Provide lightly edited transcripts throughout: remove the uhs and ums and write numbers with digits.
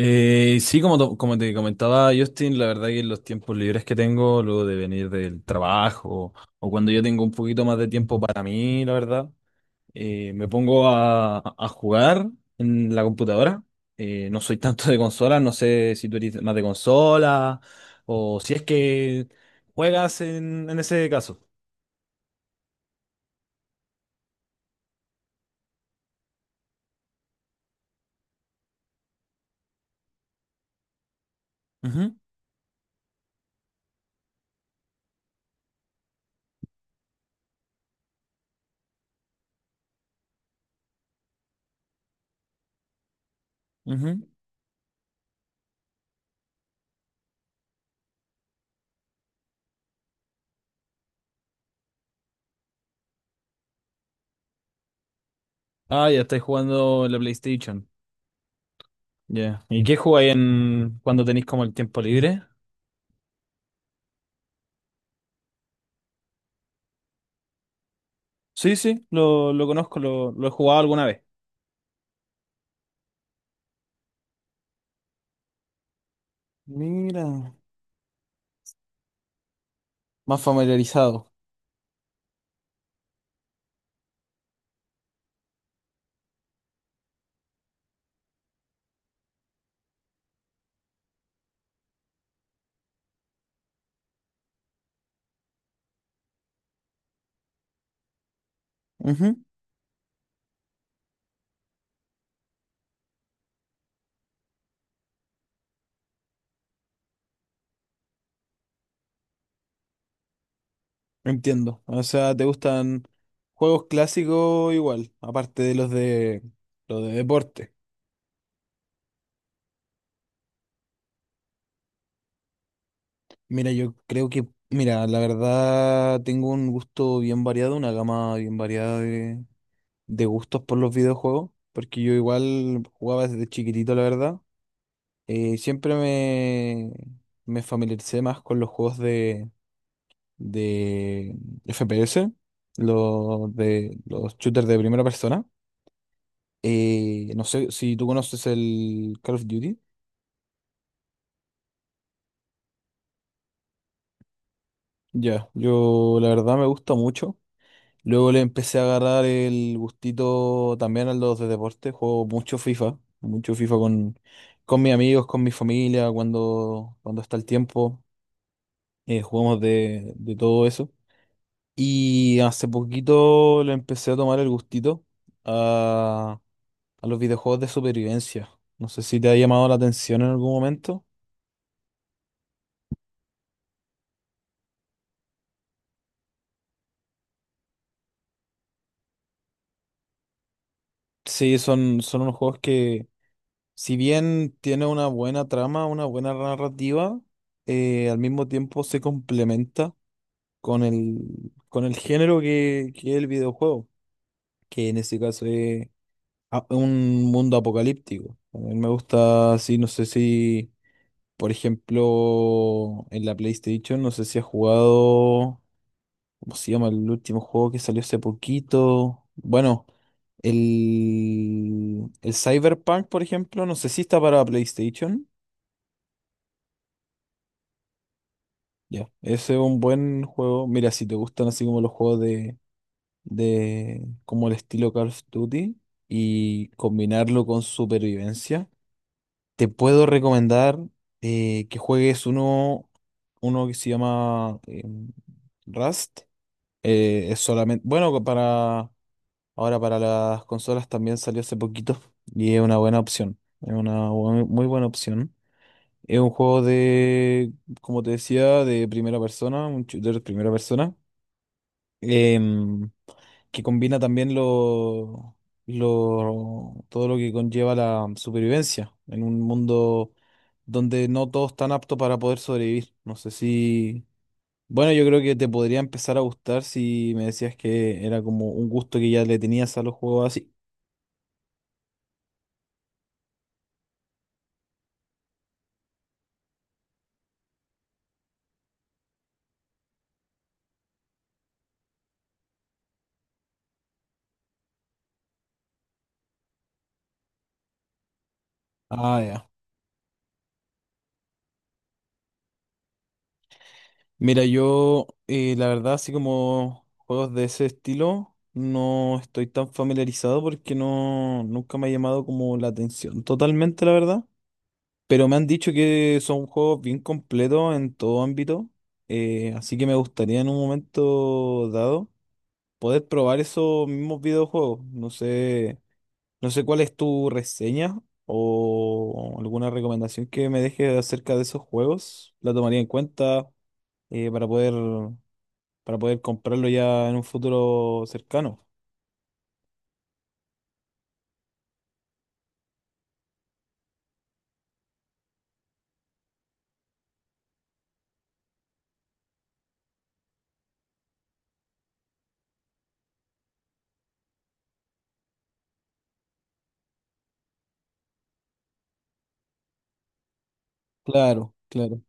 Sí, como, como te comentaba Justin, la verdad que los tiempos libres que tengo, luego de venir del trabajo o cuando yo tengo un poquito más de tiempo para mí, la verdad, me pongo a jugar en la computadora. No soy tanto de consola, no sé si tú eres más de consola o si es que juegas en ese caso. Ujú, ujú. Ah, ya estáis jugando en la PlayStation. Ya. ¿Y qué jugáis en, cuando tenéis como el tiempo libre? Sí, sí, lo conozco, lo he jugado alguna vez. Mira, más familiarizado. Ujú. Entiendo. O sea, ¿te gustan juegos clásicos igual, aparte de los de los de deporte? Mira, yo creo que, mira, la verdad tengo un gusto bien variado, una gama bien variada de gustos por los videojuegos, porque yo igual jugaba desde chiquitito, la verdad. Siempre me familiaricé más con los juegos de FPS, los de los shooters de primera persona. No sé si tú conoces el Call of Duty. Ya, yo la verdad me gusta mucho. Luego le empecé a agarrar el gustito también a los de deporte. Juego mucho FIFA con mis amigos, con mi familia, cuando está el tiempo. Jugamos de todo eso. Y hace poquito le empecé a tomar el gustito a los videojuegos de supervivencia. No sé si te ha llamado la atención en algún momento. Sí, son, son unos juegos que, si bien tiene una buena trama, una buena narrativa, al mismo tiempo se complementa con con el género que es el videojuego, que en este caso es un mundo apocalíptico. A mí me gusta, así, no sé si, por ejemplo, en la PlayStation, no sé si has jugado. ¿Cómo se llama el último juego que salió hace poquito? Bueno, el Cyberpunk, por ejemplo, no sé si está para PlayStation. Ya, ese es un buen juego. Mira, si te gustan así como los juegos de como el estilo Call of Duty y combinarlo con supervivencia, te puedo recomendar que juegues uno, uno que se llama Rust. Es solamente, bueno, para ahora para las consolas también salió hace poquito y es una buena opción. Es una muy buena opción. Es un juego de, como te decía, de primera persona, un shooter de primera persona, em, que combina también lo, todo lo que conlleva la supervivencia en un mundo donde no todos están aptos para poder sobrevivir. No sé si... Bueno, yo creo que te podría empezar a gustar si me decías que era como un gusto que ya le tenías a los juegos así. Ah, ya. Mira, yo la verdad, así como juegos de ese estilo, no estoy tan familiarizado porque no, nunca me ha llamado como la atención totalmente, la verdad. Pero me han dicho que son juegos bien completos en todo ámbito, así que me gustaría en un momento dado poder probar esos mismos videojuegos. No sé, no sé cuál es tu reseña o alguna recomendación que me dejes acerca de esos juegos. La tomaría en cuenta eh, para poder para poder comprarlo ya en un futuro cercano. Claro, claro.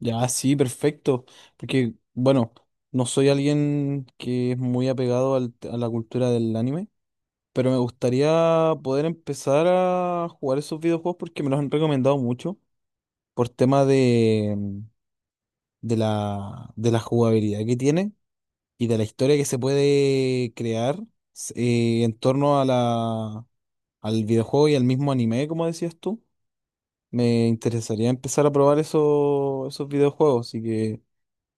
Ya, sí, perfecto. Porque, bueno, no soy alguien que es muy apegado a la cultura del anime, pero me gustaría poder empezar a jugar esos videojuegos porque me los han recomendado mucho por tema de, de de la jugabilidad que tiene y de la historia que se puede crear en torno a al videojuego y al mismo anime, como decías tú. Me interesaría empezar a probar esos videojuegos, así que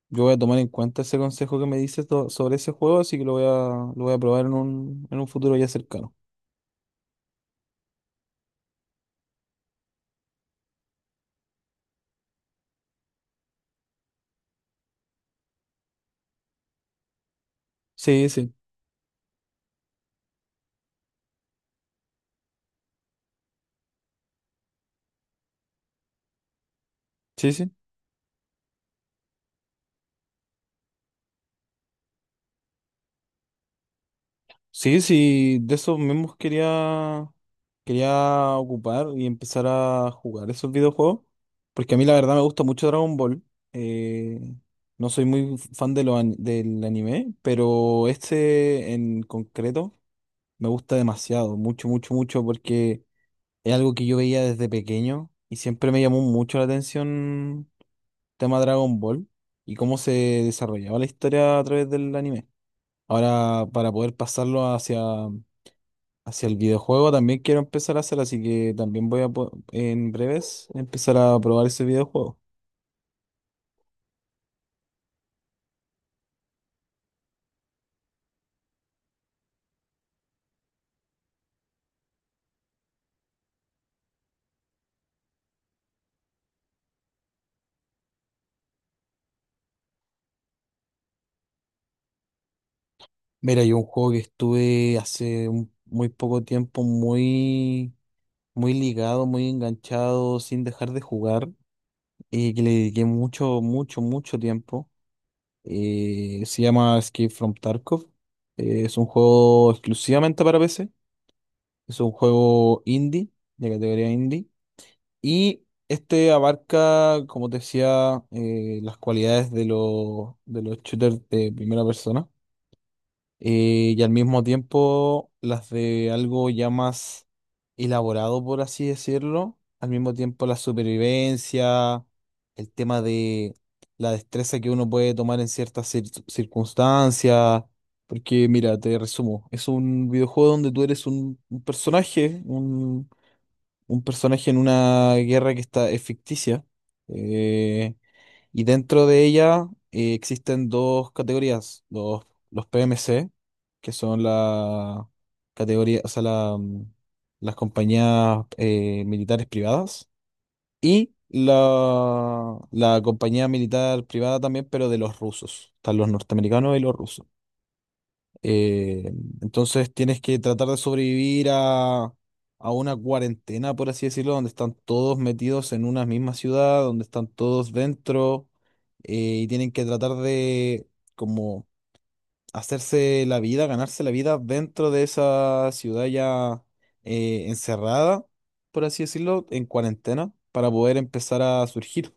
yo voy a tomar en cuenta ese consejo que me dices sobre ese juego, así que lo lo voy a probar en un futuro ya cercano. Sí, sí, sí, sí. Sí, sí, de esos mismos quería, quería ocupar y empezar a jugar esos videojuegos, porque a mí la verdad me gusta mucho Dragon Ball. eh, no soy muy fan de lo del anime, pero este en concreto me gusta demasiado, mucho, mucho, mucho, porque es algo que yo veía desde pequeño y siempre me llamó mucho la atención el tema Dragon Ball y cómo se desarrollaba la historia a través del anime. Ahora, para poder pasarlo hacia, hacia el videojuego, también quiero empezar a hacer, así que también voy a, en breves, empezar a probar ese videojuego. Mira, yo un juego que estuve hace muy poco tiempo muy, muy ligado, muy enganchado, sin dejar de jugar y que le dediqué mucho, mucho, mucho tiempo. Se llama Escape from Tarkov. Es un juego exclusivamente para PC. Es un juego indie, de categoría indie. Y este abarca, como te decía, las cualidades de los shooters de primera persona y al mismo tiempo las de algo ya más elaborado, por así decirlo. Al mismo tiempo la supervivencia, el tema de la destreza que uno puede tomar en ciertas circunstancias. Porque mira, te resumo, es un videojuego donde tú eres un personaje en una guerra que está, es ficticia. eh, y dentro de ella existen dos categorías, los PMC, que son la categoría, o sea, la, las compañías militares privadas y la compañía militar privada también, pero de los rusos. Están los norteamericanos y los rusos. Eh, entonces tienes que tratar de sobrevivir a una cuarentena, por así decirlo, donde están todos metidos en una misma ciudad, donde están todos dentro y tienen que tratar de como hacerse la vida, ganarse la vida dentro de esa ciudad ya encerrada, por así decirlo, en cuarentena, para poder empezar a surgir.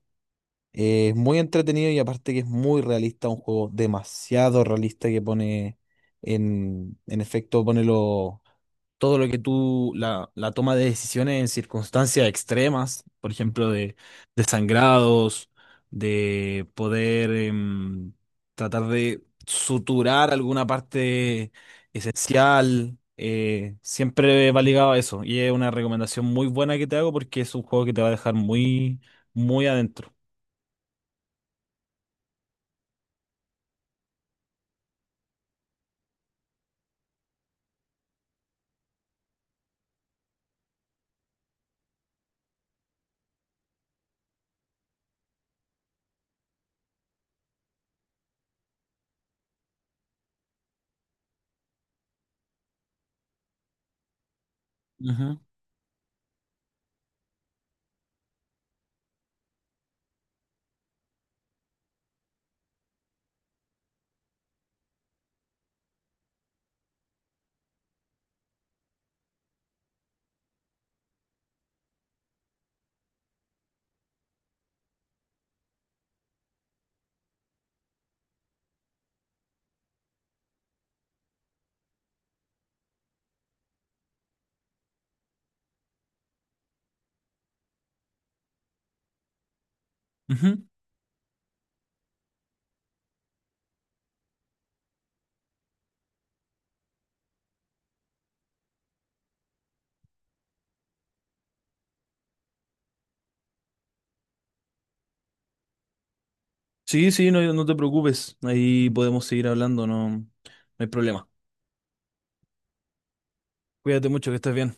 Es muy entretenido y aparte que es muy realista, un juego demasiado realista que pone en efecto, pone todo lo que tú, la toma de decisiones en circunstancias extremas, por ejemplo, de sangrados, de poder tratar de suturar alguna parte esencial, siempre va ligado a eso. Y es una recomendación muy buena que te hago porque es un juego que te va a dejar muy, muy adentro. Ujú. Ujú. Sí, sí, no, no te preocupes. Ahí podemos seguir hablando, no, no hay problema. Cuídate mucho, que estés bien.